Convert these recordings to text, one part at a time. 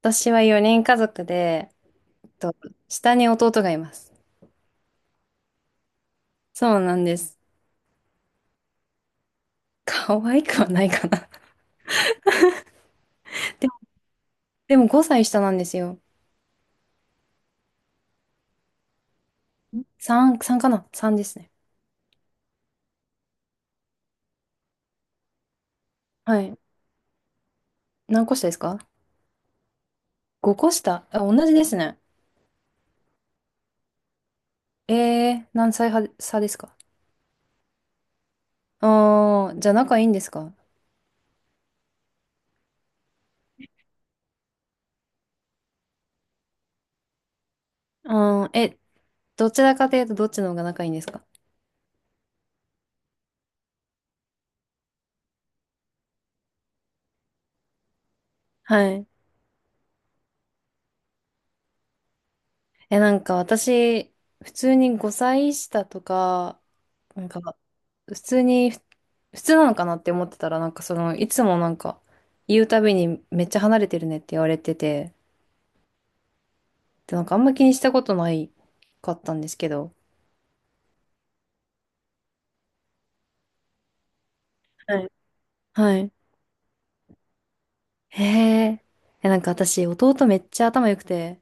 私は4人家族で、えっと、下に弟がいます。そうなんです。可愛くはないかな。でも、でも5歳下なんですよ。3、3かな？ 3 ですね。はい。何個下ですか？ 5 個下。あ、同じですね。何歳は差ですか？あー、じゃあ仲いいんですか？あー、え、どちらかというとどっちの方が仲いいんですか？はい。え、なんか私、普通に5歳下とか、なんか、普通に、普通なのかなって思ってたら、なんかその、いつもなんか、言うたびにめっちゃ離れてるねって言われてて、で、なんかあんま気にしたことないかったんですけど、はい。はい。へえ、え、なんか私、弟めっちゃ頭良くて、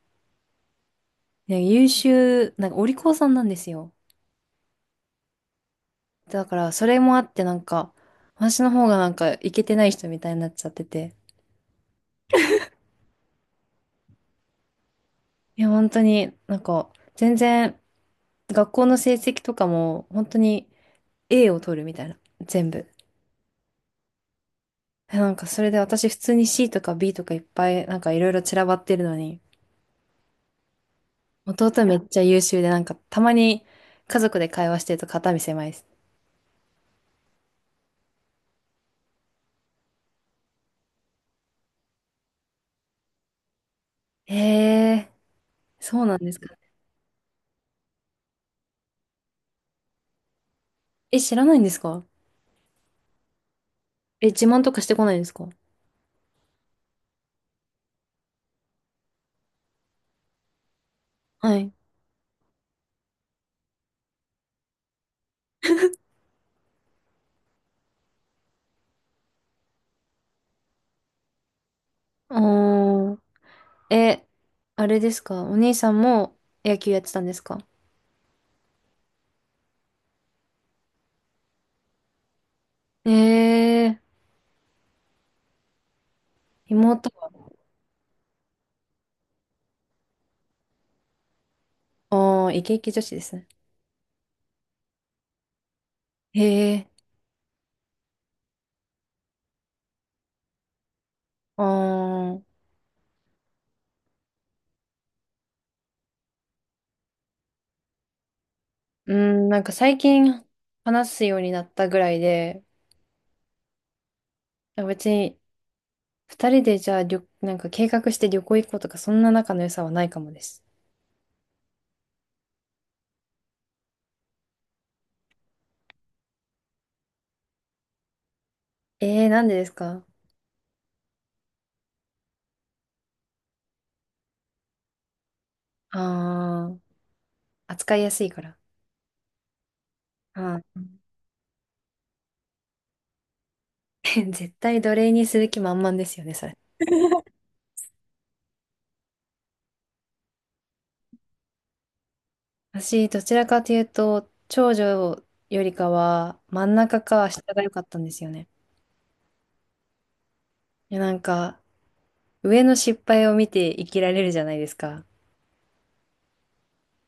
ね、優秀、なんかお利口さんなんですよ。だから、それもあって、なんか、私の方がなんか、イケてない人みたいになっちゃってて。いや、本当に、なんか、全然、学校の成績とかも、本当に、A を取るみたいな、全部。え、なんかそれで私普通に C とか B とかいっぱいなんかいろいろ散らばってるのに、弟めっちゃ優秀でなんかたまに家族で会話してると肩身狭いです。ええ、そうなんですか。え、知らないんですか？え、自慢とかしてこないんですか？はい。おー。え、あれですか？お兄さんも野球やってたんですか？ええ。妹は、おー、イケイケ女子ですね。ええ、あー。うん、なんか最近話すようになったぐらいで、別に二人でじゃあ旅、なんか計画して旅行行こうとか、そんな仲の良さはないかもです。えー、なんでですか？あー、扱いやすいから。あー。 絶対奴隷にする気満々ですよね、それ。私、どちらかというと、長女よりかは、真ん中か下が良かったんですよね。いや、なんか、上の失敗を見て生きられるじゃないですか。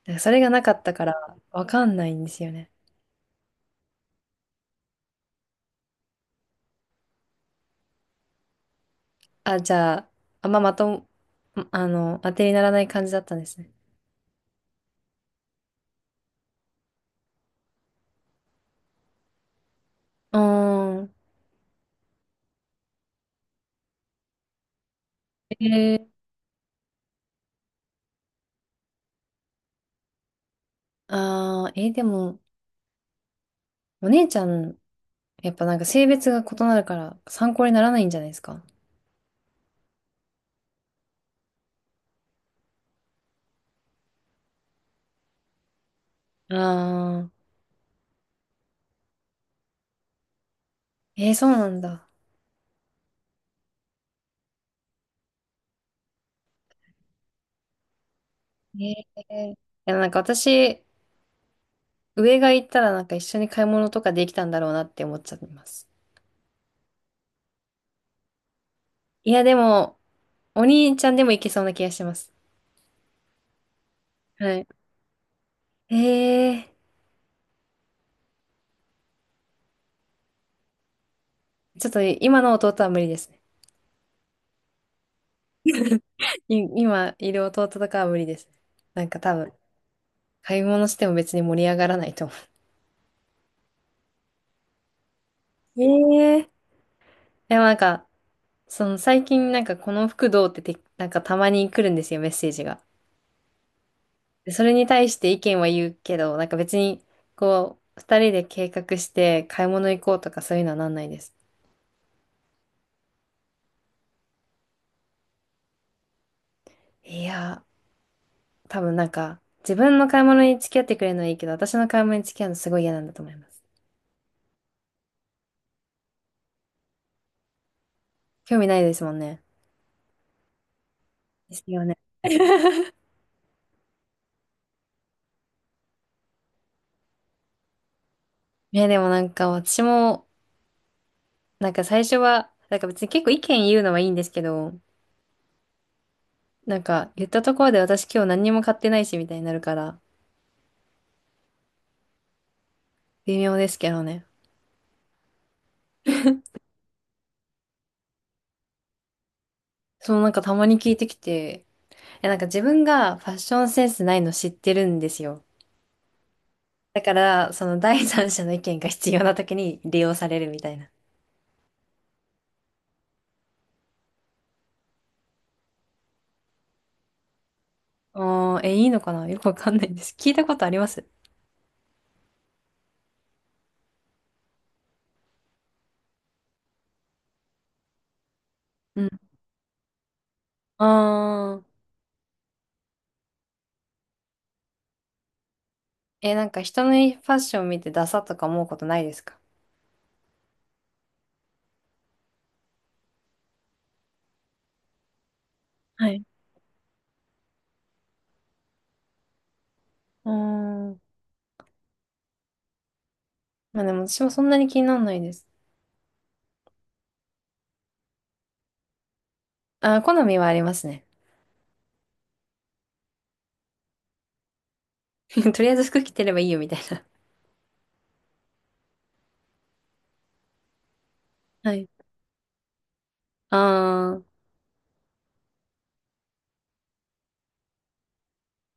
だからそれがなかったから、わかんないんですよね。あ、じゃあ、あんままとも、当てにならない感じだったんですね。うーん。えー、でも、お姉ちゃん、やっぱなんか性別が異なるから参考にならないんじゃないですか？あ。あー、えー、そうなんだ。えー、いや、なんか私、上が行ったらなんか一緒に買い物とかできたんだろうなって思っちゃいます。いや、でも、お兄ちゃんでも行けそうな気がしてます。はい。えちょっと今の弟は無理ですね。今いる弟とかは無理です。なんか多分、買い物しても別に盛り上がらないと思う。えー、でもなんか、その最近なんかこの服どうってて、なんかたまに来るんですよ、メッセージが。でそれに対して意見は言うけど、なんか別に、こう、二人で計画して買い物行こうとかそういうのはなんないです。いやー、多分なんか、自分の買い物に付き合ってくれるのはいいけど、私の買い物に付き合うのすごい嫌なんだと思います。興味ないですもんね。ですよね。ね、でもなんか私も、なんか最初は、なんか別に結構意見言うのはいいんですけど、なんか言ったところで私今日何にも買ってないしみたいになるから、微妙ですけどね。そう、なんかたまに聞いてきて、え、なんか自分がファッションセンスないの知ってるんですよ。だから、その第三者の意見が必要な時に利用されるみたいな。あー、え、いいのかなよくわかんないです。聞いたことあります？うん。あー、え、なんか人のファッション見てダサとか思うことないですか？はい。うーん。まあでも私もそんなに気にならないです。あー、好みはありますね。とりあえず服着てればいいよみたいな。はい。あー、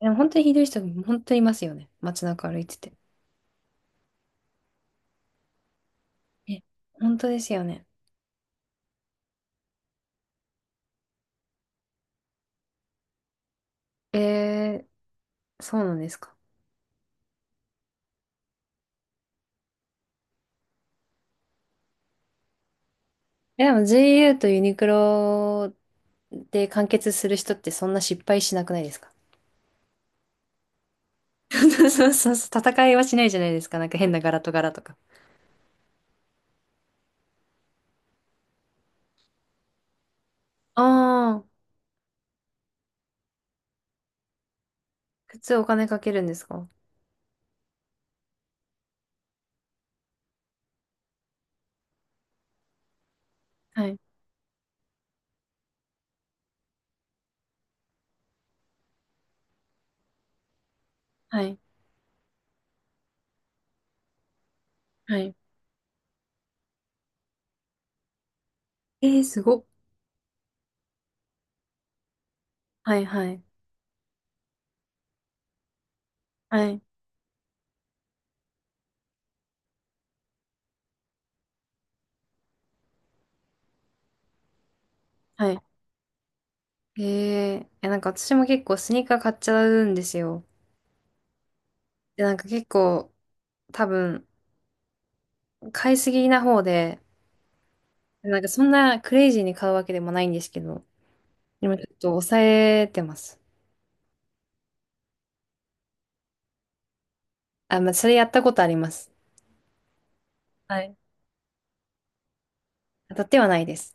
でも本当にひどい人、本当にいますよね。街中歩いてて。え、本当ですよね。えー、そうなんですか。え、でも GU とユニクロで完結する人ってそんな失敗しなくないですか？ そうそうそう、戦いはしないじゃないですか。なんか変な柄と柄とか。ああ、靴お金かけるんですか？はい、はい、はい。えー、すごっ。はい、はい、はい、はい。ええ、いや、なんか私も結構スニーカー買っちゃうんですよ。で、なんか結構多分買いすぎな方で、なんかそんなクレイジーに買うわけでもないんですけど、でもちょっと抑えてます。あ、まあ、それやったことあります。はい。当たってはないです。